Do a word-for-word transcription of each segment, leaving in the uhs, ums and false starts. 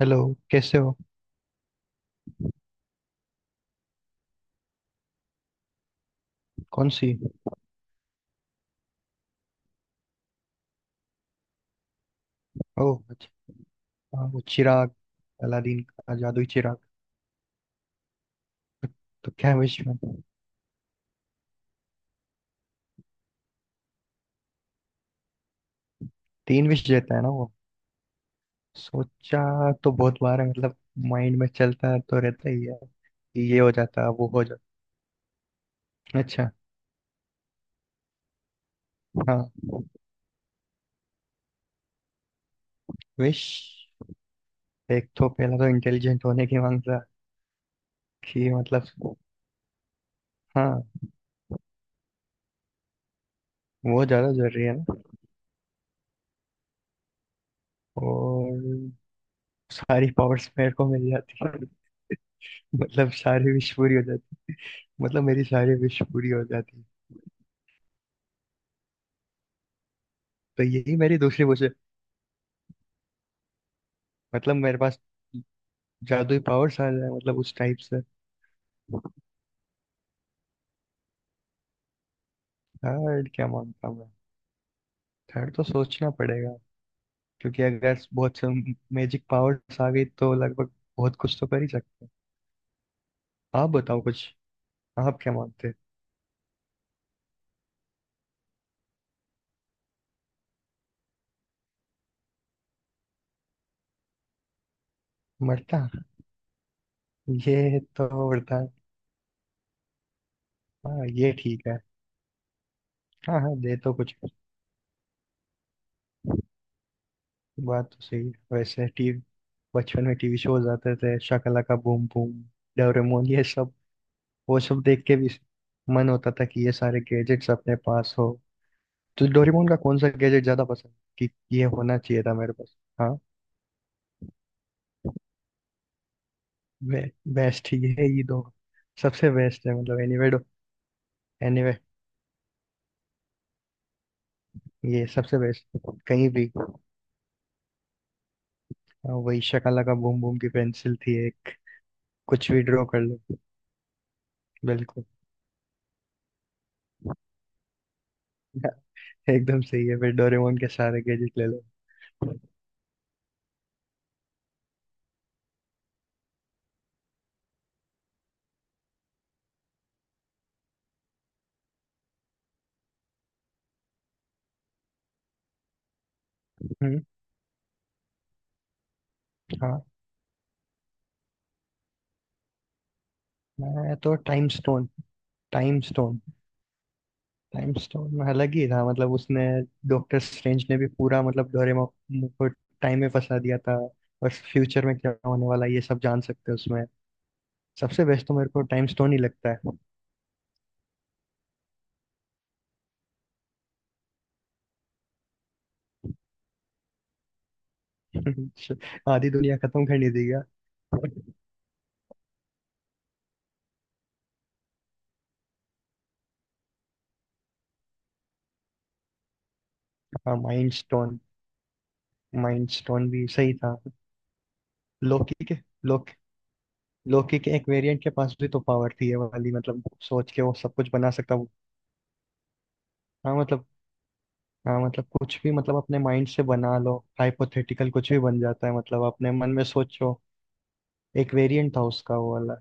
Hello. कैसे हो? कौन सी? ओ अच्छा। हाँ, वो चिराग। अलादीन का जादुई चिराग। तो क्या विश में? तीन विश देता है ना वो। सोचा तो बहुत बार है मतलब। माइंड में चलता तो रहता ही है। कि ये हो जाता, वो हो जाता। अच्छा। हाँ। विश। एक तो पहला तो इंटेलिजेंट होने की मांगता। कि मतलब। हाँ। वो ज्यादा जरूरी है ना। और। सारी पावर्स मेरे को मिल जाती। मतलब सारी विश पूरी हो जाती। मतलब मेरी सारी विश पूरी हो जाती। तो यही मेरी दूसरी विश। मतलब मेरे पास। जादुई पावर्स आ जाए, मतलब उस टाइप से। थर्ड क्या मानता हूँ मैं? थर्ड तो सोचना पड़ेगा। क्योंकि अगर बहुत से मैजिक पावर्स आ गई तो लगभग बहुत कुछ तो कर ही सकते हैं। आप बताओ कुछ। आप क्या मानते हैं? मरता। ये तो मरता। हाँ, ये ठीक है। हाँ, हाँ, दे तो कुछ। बात तो सही है। वैसे टीवी। बचपन में टीवी शोज आते थे, शाकालाका बूम बूम। डोरेमोन ये सब। वो सब देख के भी मन होता था कि ये सारे गैजेट्स अपने पास हो। तो डोरेमोन का कौन सा गैजेट ज्यादा पसंद? कि ये होना चाहिए था मेरे पास, हाँ। वे, बेस्ट ये है ये दो। सबसे बेस्ट है, मतलब एनीवे। एनीवे। ये सबसे बेस्ट। कहीं भी। हाँ, वही शकाला का बूम बूम की पेंसिल थी एक। कुछ भी ड्रॉ कर लो। बिल्कुल। एकदम सही है, फिर डोरेमोन के सारे गैजेट ले लो। हम्म। हाँ। मैं तो time stone. Time stone. Time stone में अलग ही था, मतलब उसने डॉक्टर स्ट्रेंज ने भी पूरा, मतलब डोरेमोन को टाइम में फंसा दिया था। और फ्यूचर में क्या होने वाला है ये सब जान सकते हैं उसमें। सबसे बेस्ट तो मेरे को टाइम स्टोन ही लगता है। आधी दुनिया खत्म करने दी गया। हाँ, माइंड स्टोन। माइंड स्टोन भी सही था। लोकी के लोक लोकी के एक वेरिएंट के पास भी तो पावर थी ये वाली, मतलब सोच के वो सब कुछ बना सकता वो। हाँ, मतलब। हाँ, मतलब कुछ भी, मतलब अपने माइंड से बना लो हाइपोथेटिकल, कुछ भी बन जाता है, मतलब अपने मन में सोचो। एक वेरिएंट था उसका वो वाला।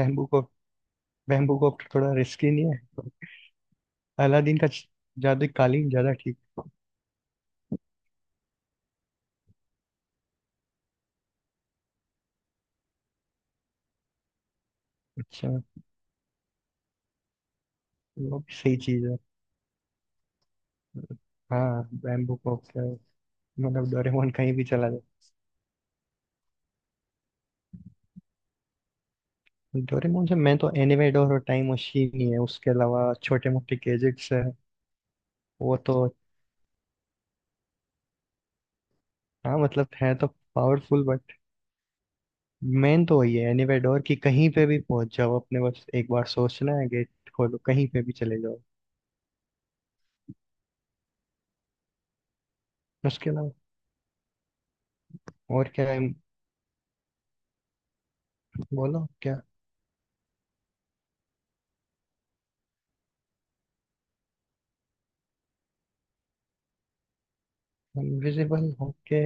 बैम्बू को बैम्बू कॉप्टर थोड़ा रिस्की नहीं है? अलादीन का च- जादू कालीन ज्यादा ठीक। अच्छा। वो भी सही चीज है। हाँ, बैम्बू कॉप्टर। मतलब डोरेमोन कहीं भी चला जाए। डोरेमोन से मैं तो एनिमेडोर और टाइम मशीन ही है, उसके अलावा छोटे मोटे गैजेट्स है। वो तो। हाँ, मतलब है तो पावरफुल, बट मेन तो वही है एनिमेडोर, कि कहीं पे भी पहुंच जाओ अपने, बस एक बार सोचना है, गेट खोलो, कहीं पे भी चले जाओ। उसके अलावा और क्या है? बोलो क्या। इनविजिबल होके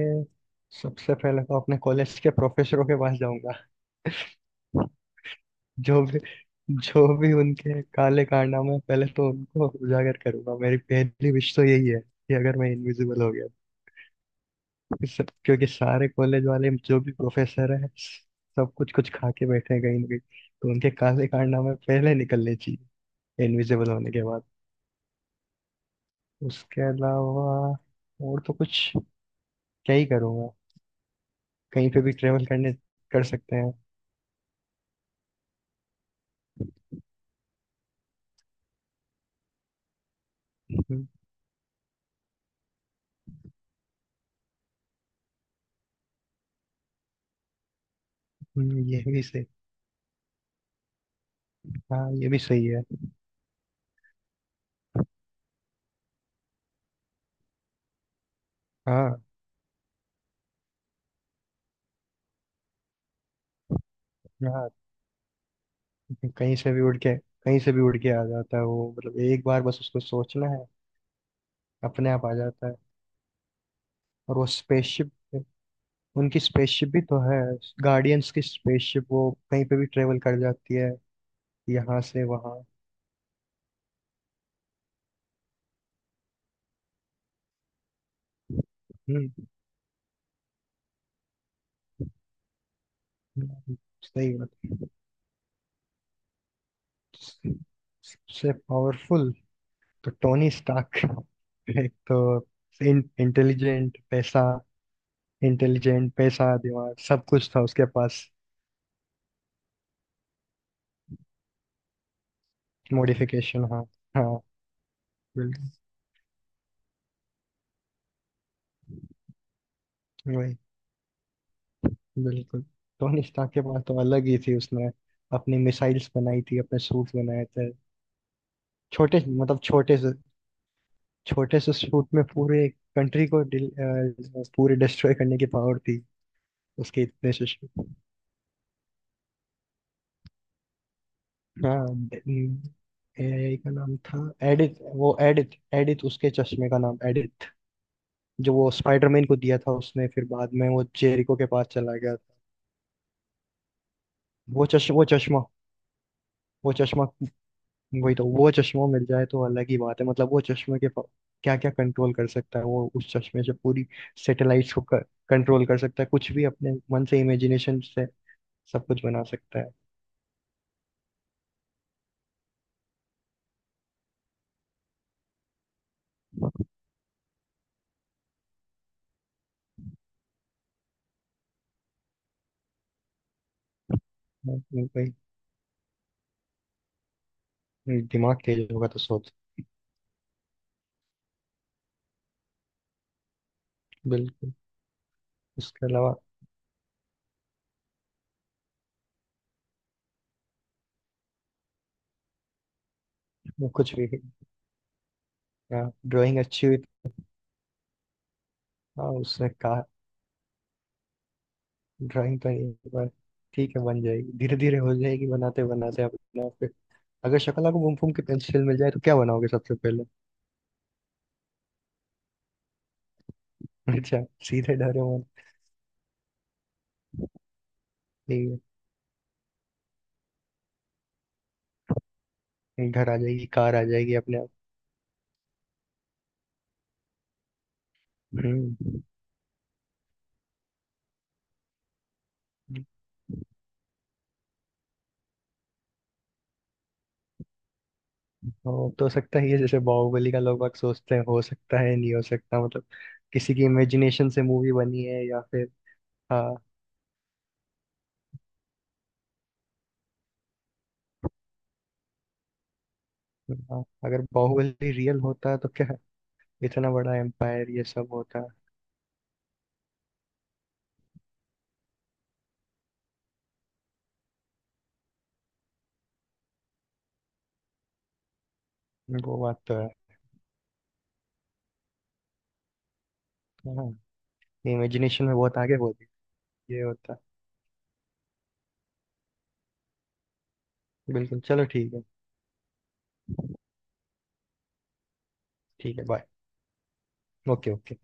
सबसे पहले तो अपने कॉलेज के प्रोफेसरों के पास जाऊंगा। जो भी जो भी उनके काले कारनामे हैं, पहले तो उनको उजागर करूंगा। मेरी पहली विश तो यही है कि अगर मैं इनविजिबल हो गया तो सब- क्योंकि सारे कॉलेज वाले जो भी प्रोफेसर हैं, सब कुछ कुछ खा के बैठे हैं कहीं ना कहीं। तो उनके काले कारनामे पहले निकलने चाहिए इनविजिबल होने के बाद। उसके अलावा और तो कुछ क्या ही करूंगा। कहीं पे भी ट्रेवल करने कर सकते हैं। हम्म, ये भी सही। हाँ, ये भी सही है। हाँ, हाँ। कहीं से भी उड़ के कहीं से भी उड़ के आ जाता है वो, मतलब एक बार बस उसको सोचना है, अपने आप आ जाता है। और वो स्पेसशिप, उनकी स्पेसशिप भी तो है, गार्डियंस की स्पेसशिप वो कहीं पे भी ट्रेवल कर जाती है यहाँ से वहाँ। हम्म। हम्म, सही बात। सबसे पावरफुल तो टोनी स्टार्क। एक तो इंटेलिजेंट, पैसा। इंटेलिजेंट, पैसा, दिमाग सब कुछ था उसके पास। मॉडिफिकेशन, हाँ। हाँ। बिल्कुल। वही। बिल्कुल। टोनी स्टार्क के पास तो अलग ही थी, उसने अपनी मिसाइल्स बनाई थी, अपने सूट बनाए थे। छोटे मतलब छोटे से छोटे से सूट में पूरे एक कंट्री को डिल- अ, पूरे डिस्ट्रॉय करने की पावर थी। उसके इतने से suit। हाँ। ड- ए, का नाम था एडिथ। वो एडिथ, एडिथ, उसके चश्मे का नाम एडिथ, जो वो स्पाइडरमैन को दिया था उसने, फिर बाद में वो जेरिको के पास चला गया था। वो चश्मा, वो चश्मा, वो चश्मा। वही तो, वो चश्मा मिल जाए तो अलग ही बात है, मतलब वो चश्मे के क्या क्या कंट्रोल कर सकता है वो, उस चश्मे से पूरी सैटेलाइट्स को कंट्रोल कर सकता है, कुछ भी अपने मन से, इमेजिनेशन से सब कुछ बना सकता है। हम्म, भाई। दिमाग तेज होगा तो सोच। बिल्कुल। इसके अलावा वो कुछ भी ड्राइंग अच्छी हुई तो- हाँ, उसने कहा ड्राइंग तो नहीं पर ठीक है, बन जाएगी धीरे धीरे, हो जाएगी बनाते बनाते अपने आप पे। अगर शक्ल आपको घूम घूम के पेंसिल मिल जाए तो क्या बनाओगे सबसे पहले? अच्छा। सीधे डरे। घर आ जाएगी, कार आ जाएगी अपने आप। हम्म। हो तो सकता ही है, जैसे बाहुबली का लोग बाग सोचते हैं हो सकता है, नहीं हो सकता, मतलब किसी की इमेजिनेशन से मूवी बनी है या फिर। हाँ। हाँ, अगर बाहुबली रियल होता तो क्या इतना बड़ा एम्पायर ये सब होता। वो बात तो है। हाँ। इमेजिनेशन में बहुत आगे होती, ये होता। बिल्कुल, चलो ठीक है। ठीक है, बाय। Okay, okay.